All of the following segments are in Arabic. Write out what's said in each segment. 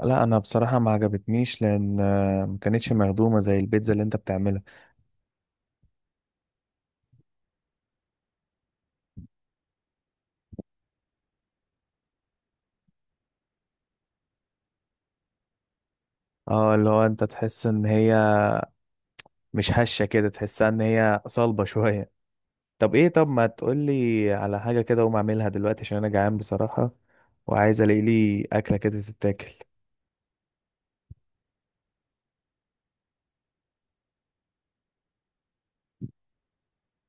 لا انا بصراحه ما عجبتنيش لان ما كانتش مخدومه زي البيتزا اللي انت بتعملها. اه اللي هو انت تحس ان هي مش هشه كده، تحسها ان هي صلبه شويه. طب ايه، طب ما تقولي على حاجه كده اقوم اعملها دلوقتي عشان انا جعان بصراحه، وعايز الاقي لي اكله كده تتاكل.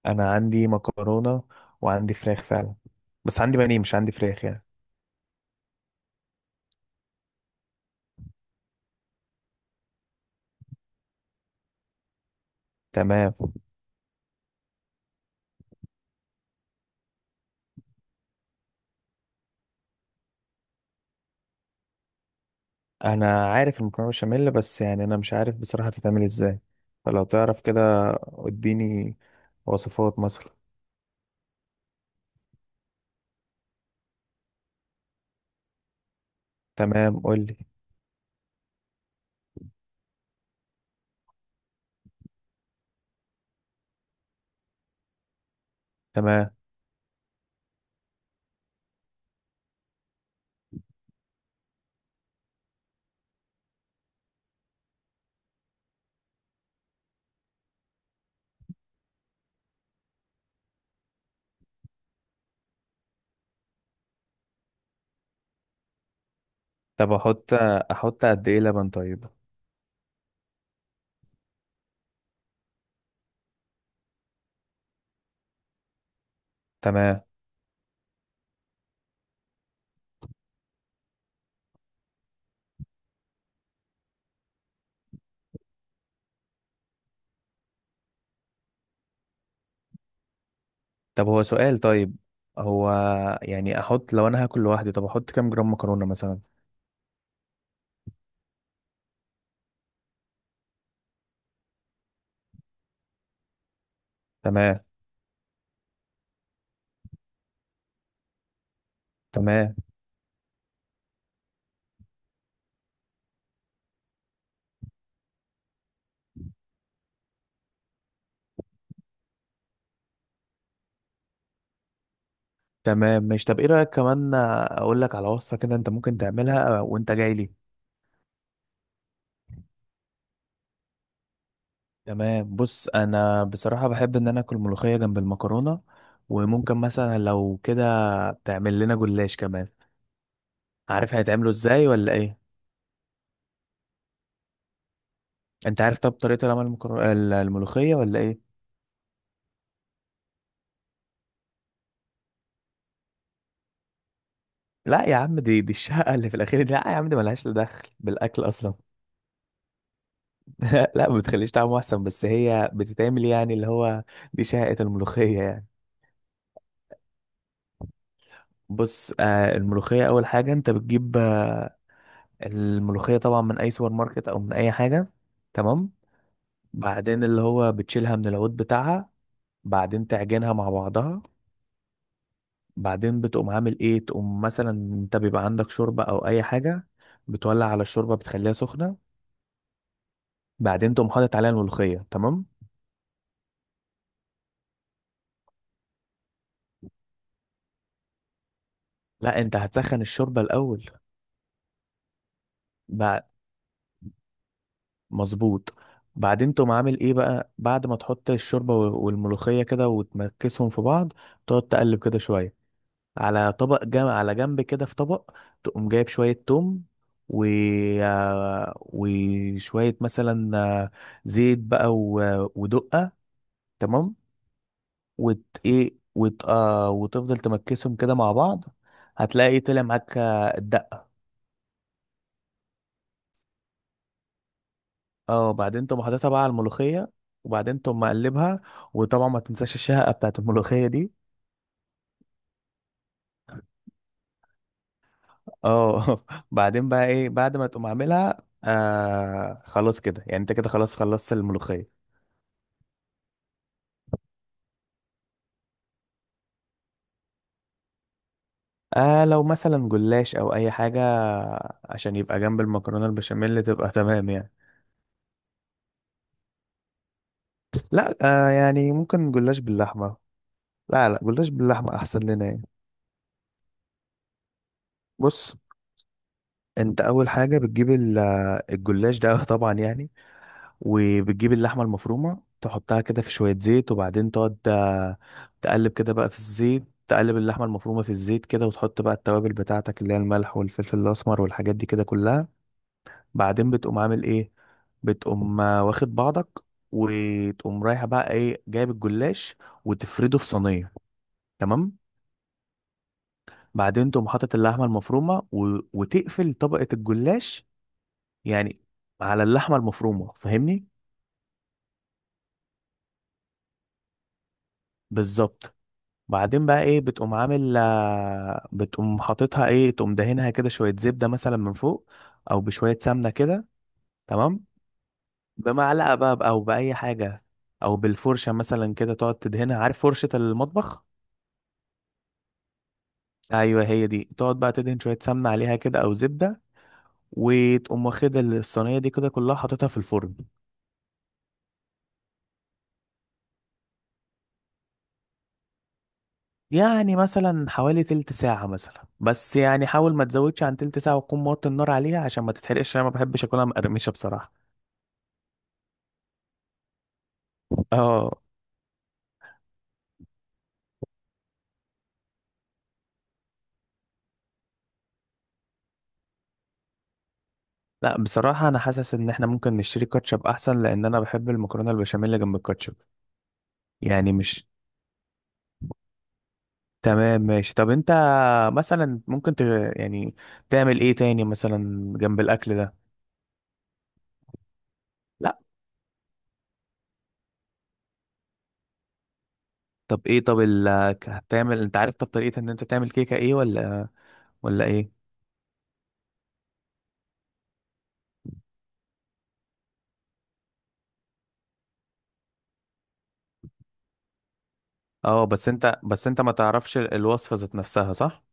انا عندي مكرونه، وعندي فراخ فعلا، بس عندي بانيه مش عندي فراخ يعني. تمام. انا عارف المكرونه بشاميل بس يعني انا مش عارف بصراحه تتعمل ازاي، فلو تعرف كده اديني وصفات مثلا. تمام، قول لي. تمام طب احط قد ايه لبن طيب؟ تمام. طب هو سؤال طيب. هو يعني احط، لو انا هاكل لوحدي طب احط كام جرام مكرونة مثلا؟ تمام. تمام. تمام مش، طب ايه رأيك كمان اقول لك على وصفة كده انت ممكن تعملها وانت جاي لي؟ تمام. بص، انا بصراحة بحب ان انا اكل ملوخية جنب المكرونة، وممكن مثلا لو كده تعمل لنا جلاش كمان. عارف هيتعملوا ازاي ولا ايه؟ انت عارف طب طريقة العمل الملوخية ولا ايه؟ لا يا عم، دي الشقة اللي في الأخير دي، لا يا عم دي ملهاش لا دخل بالأكل أصلا. لا ما بتخليش طعمه أحسن، بس هي بتتعمل يعني اللي هو، دي شقة الملوخية يعني. بص، آه، الملوخية أول حاجة أنت بتجيب الملوخية طبعا من أي سوبر ماركت أو من أي حاجة. تمام. بعدين اللي هو بتشيلها من العود بتاعها، بعدين تعجنها مع بعضها، بعدين بتقوم عامل إيه، تقوم مثلا أنت بيبقى عندك شوربة أو أي حاجة، بتولع على الشوربة بتخليها سخنة، بعدين تقوم حاطط عليها الملوخية. تمام. لا انت هتسخن الشوربه الاول. بعد، مظبوط. بعدين تقوم عامل ايه بقى بعد ما تحط الشوربه والملوخيه كده وتمكسهم في بعض، تقعد تقلب كده شويه على طبق جنب على جنب كده في طبق. تقوم جايب شويه توم، و، وشويه مثلا، زيت بقى ودقه. تمام. وت ايه وت... آه... وتفضل تمكسهم كده مع بعض، هتلاقي طلع معاك الدقة. اه، وبعدين تقوم حاططها بقى على الملوخية، وبعدين تقوم مقلبها، وطبعا ما تنساش الشهقة بتاعت الملوخية دي. اه. بعدين بقى ايه، بعد ما تقوم عاملها خلاص كده يعني، انت كده خلاص خلصت الملوخية. آه، لو مثلا جلاش او اي حاجة عشان يبقى جنب المكرونة البشاميل تبقى. تمام يعني. لا. آه، يعني ممكن جلاش باللحمة. لا، جلاش باللحمة احسن لنا يعني. بص، انت اول حاجة بتجيب الجلاش ده. طبعا يعني. وبتجيب اللحمة المفرومة تحطها كده في شوية زيت، وبعدين تقعد تقلب كده بقى في الزيت، تقلب اللحمة المفرومة في الزيت كده، وتحط بقى التوابل بتاعتك اللي هي الملح والفلفل الأسمر والحاجات دي كده كلها. بعدين بتقوم عامل ايه، بتقوم واخد بعضك، وتقوم رايحة بقى ايه جايب الجلاش وتفرده في صينية. تمام. بعدين تقوم حاطط اللحمة المفرومة وتقفل طبقة الجلاش يعني على اللحمة المفرومة، فاهمني؟ بالظبط. بعدين بقى ايه، بتقوم عامل آه، بتقوم حاططها ايه تقوم دهنها كده شوية زبدة مثلا من فوق، او بشوية سمنة كده. تمام. بمعلقة بقى او بأي حاجة، او بالفرشة مثلا كده تقعد تدهنها، عارف فرشة المطبخ؟ ايوه هي دي، تقعد بقى تدهن شوية سمنة عليها كده او زبدة، وتقوم واخد الصينية دي كده كلها حاططها في الفرن. يعني مثلا حوالي تلت ساعة مثلا، بس يعني حاول ما تزودش عن تلت ساعة، وتكون موطي النار عليها عشان ما تتحرقش، انا ما بحبش اكلها مقرمشة بصراحة. اه. لا، بصراحة أنا حاسس إن إحنا ممكن نشتري كاتشب أحسن، لأن أنا بحب المكرونة البشاميل اللي جنب الكاتشب. يعني مش، تمام ماشي. طب أنت مثلا ممكن ت... يعني تعمل إيه تاني مثلا جنب الأكل ده؟ لا. طب إيه طب هتعمل، أنت عارف طب طريقة إن أنت تعمل كيكة إيه ولا، ولا إيه؟ أه بس أنت، بس أنت ما تعرفش الوصفة ذات نفسها، صح؟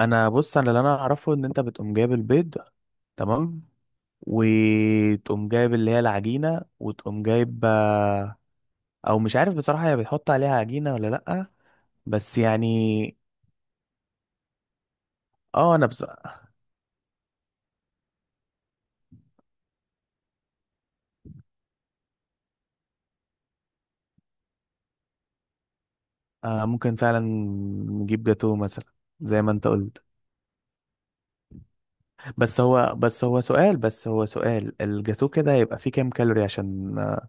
أنا، بص أنا اللي أنا أعرفه إن أنت بتقوم جايب البيض، تمام؟ وتقوم جايب اللي هي العجينة وتقوم جايب، او مش عارف بصراحة هي بتحط عليها عجينة ولا لأ، بس يعني. اه انا بص... آه، ممكن فعلا نجيب جاتو مثلا زي ما انت قلت. بس هو، بس هو سؤال الجاتو كده هيبقى فيه كام كالوري، عشان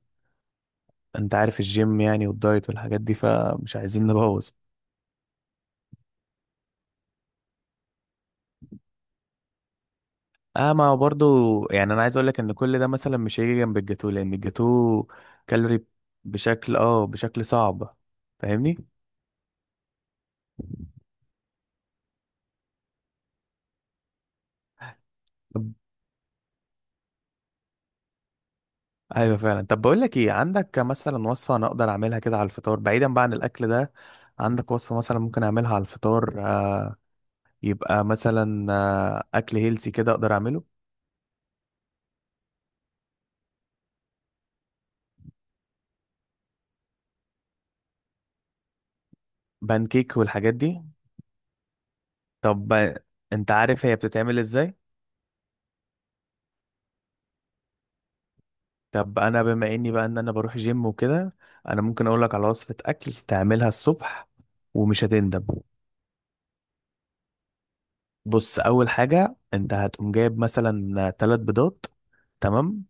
انت عارف الجيم يعني والدايت والحاجات دي، فمش عايزين نبوظ. اه ما هو برضو يعني، انا عايز اقولك ان كل ده مثلا مش هيجي جنب الجاتو، لان الجاتو كالوري بشكل، بشكل صعب، فاهمني؟ ايوه فعلا. طب بقول لك ايه، عندك مثلا وصفه انا اقدر اعملها كده على الفطار، بعيدا بقى عن الاكل ده؟ عندك وصفه مثلا ممكن اعملها على الفطار، يبقى مثلا اكل هيلسي كده اقدر اعمله؟ بانكيك والحاجات دي؟ طب انت عارف هي بتتعمل ازاي؟ طب انا بما اني بقى ان انا بروح جيم وكده، انا ممكن اقول لك على وصفه اكل تعملها الصبح ومش هتندم. بص اول حاجه انت هتقوم جايب مثلا ثلاث بيضات، تمام،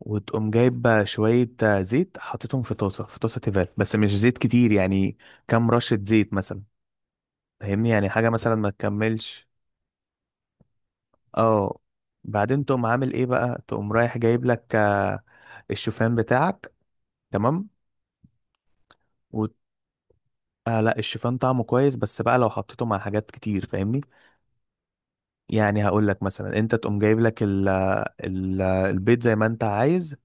وتقوم جايب بقى شوية زيت حطيتهم في طاسة، في طاسة تيفال بس مش زيت كتير يعني، كام رشة زيت مثلا، فاهمني يعني حاجة مثلا ما تكملش. اه. بعدين تقوم عامل ايه بقى، تقوم رايح جايب لك الشوفان بتاعك. تمام. و... آه لا، الشوفان طعمه كويس، بس بقى لو حطيته مع حاجات كتير فاهمني. يعني هقول لك مثلا انت تقوم جايب لك البيض زي ما انت عايز،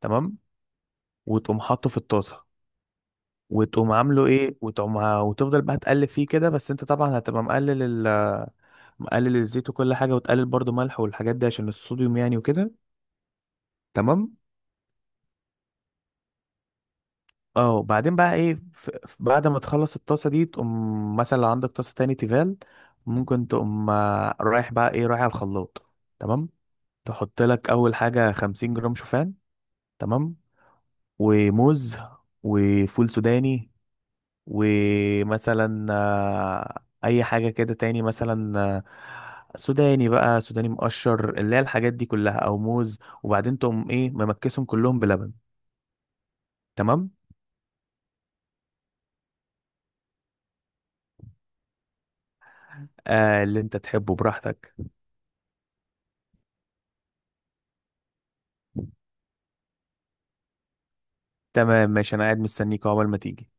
تمام، وتقوم حاطه في الطاسة، وتقوم عامله ايه وتقوم وتفضل بقى تقلب فيه كده، بس انت طبعا هتبقى مقلل الزيت وكل حاجه، وتقلل برضو ملح والحاجات دي عشان الصوديوم يعني وكده. تمام. اه. وبعدين بقى ايه، بعد ما تخلص الطاسه دي، تقوم مثلا لو عندك طاسه تاني تيفال ممكن تقوم رايح بقى ايه، رايح على الخلاط. تمام. تحط لك اول حاجه 50 جرام شوفان، تمام، وموز، وفول سوداني، ومثلا اي حاجه كده تاني مثلا، سوداني بقى، سوداني مقشر اللي هي الحاجات دي كلها، او موز، وبعدين تقوم ايه ممكسهم كلهم بلبن. تمام. آه اللي انت تحبه براحتك. تمام ماشي، انا قاعد مستنيك عقبال ما تيجي.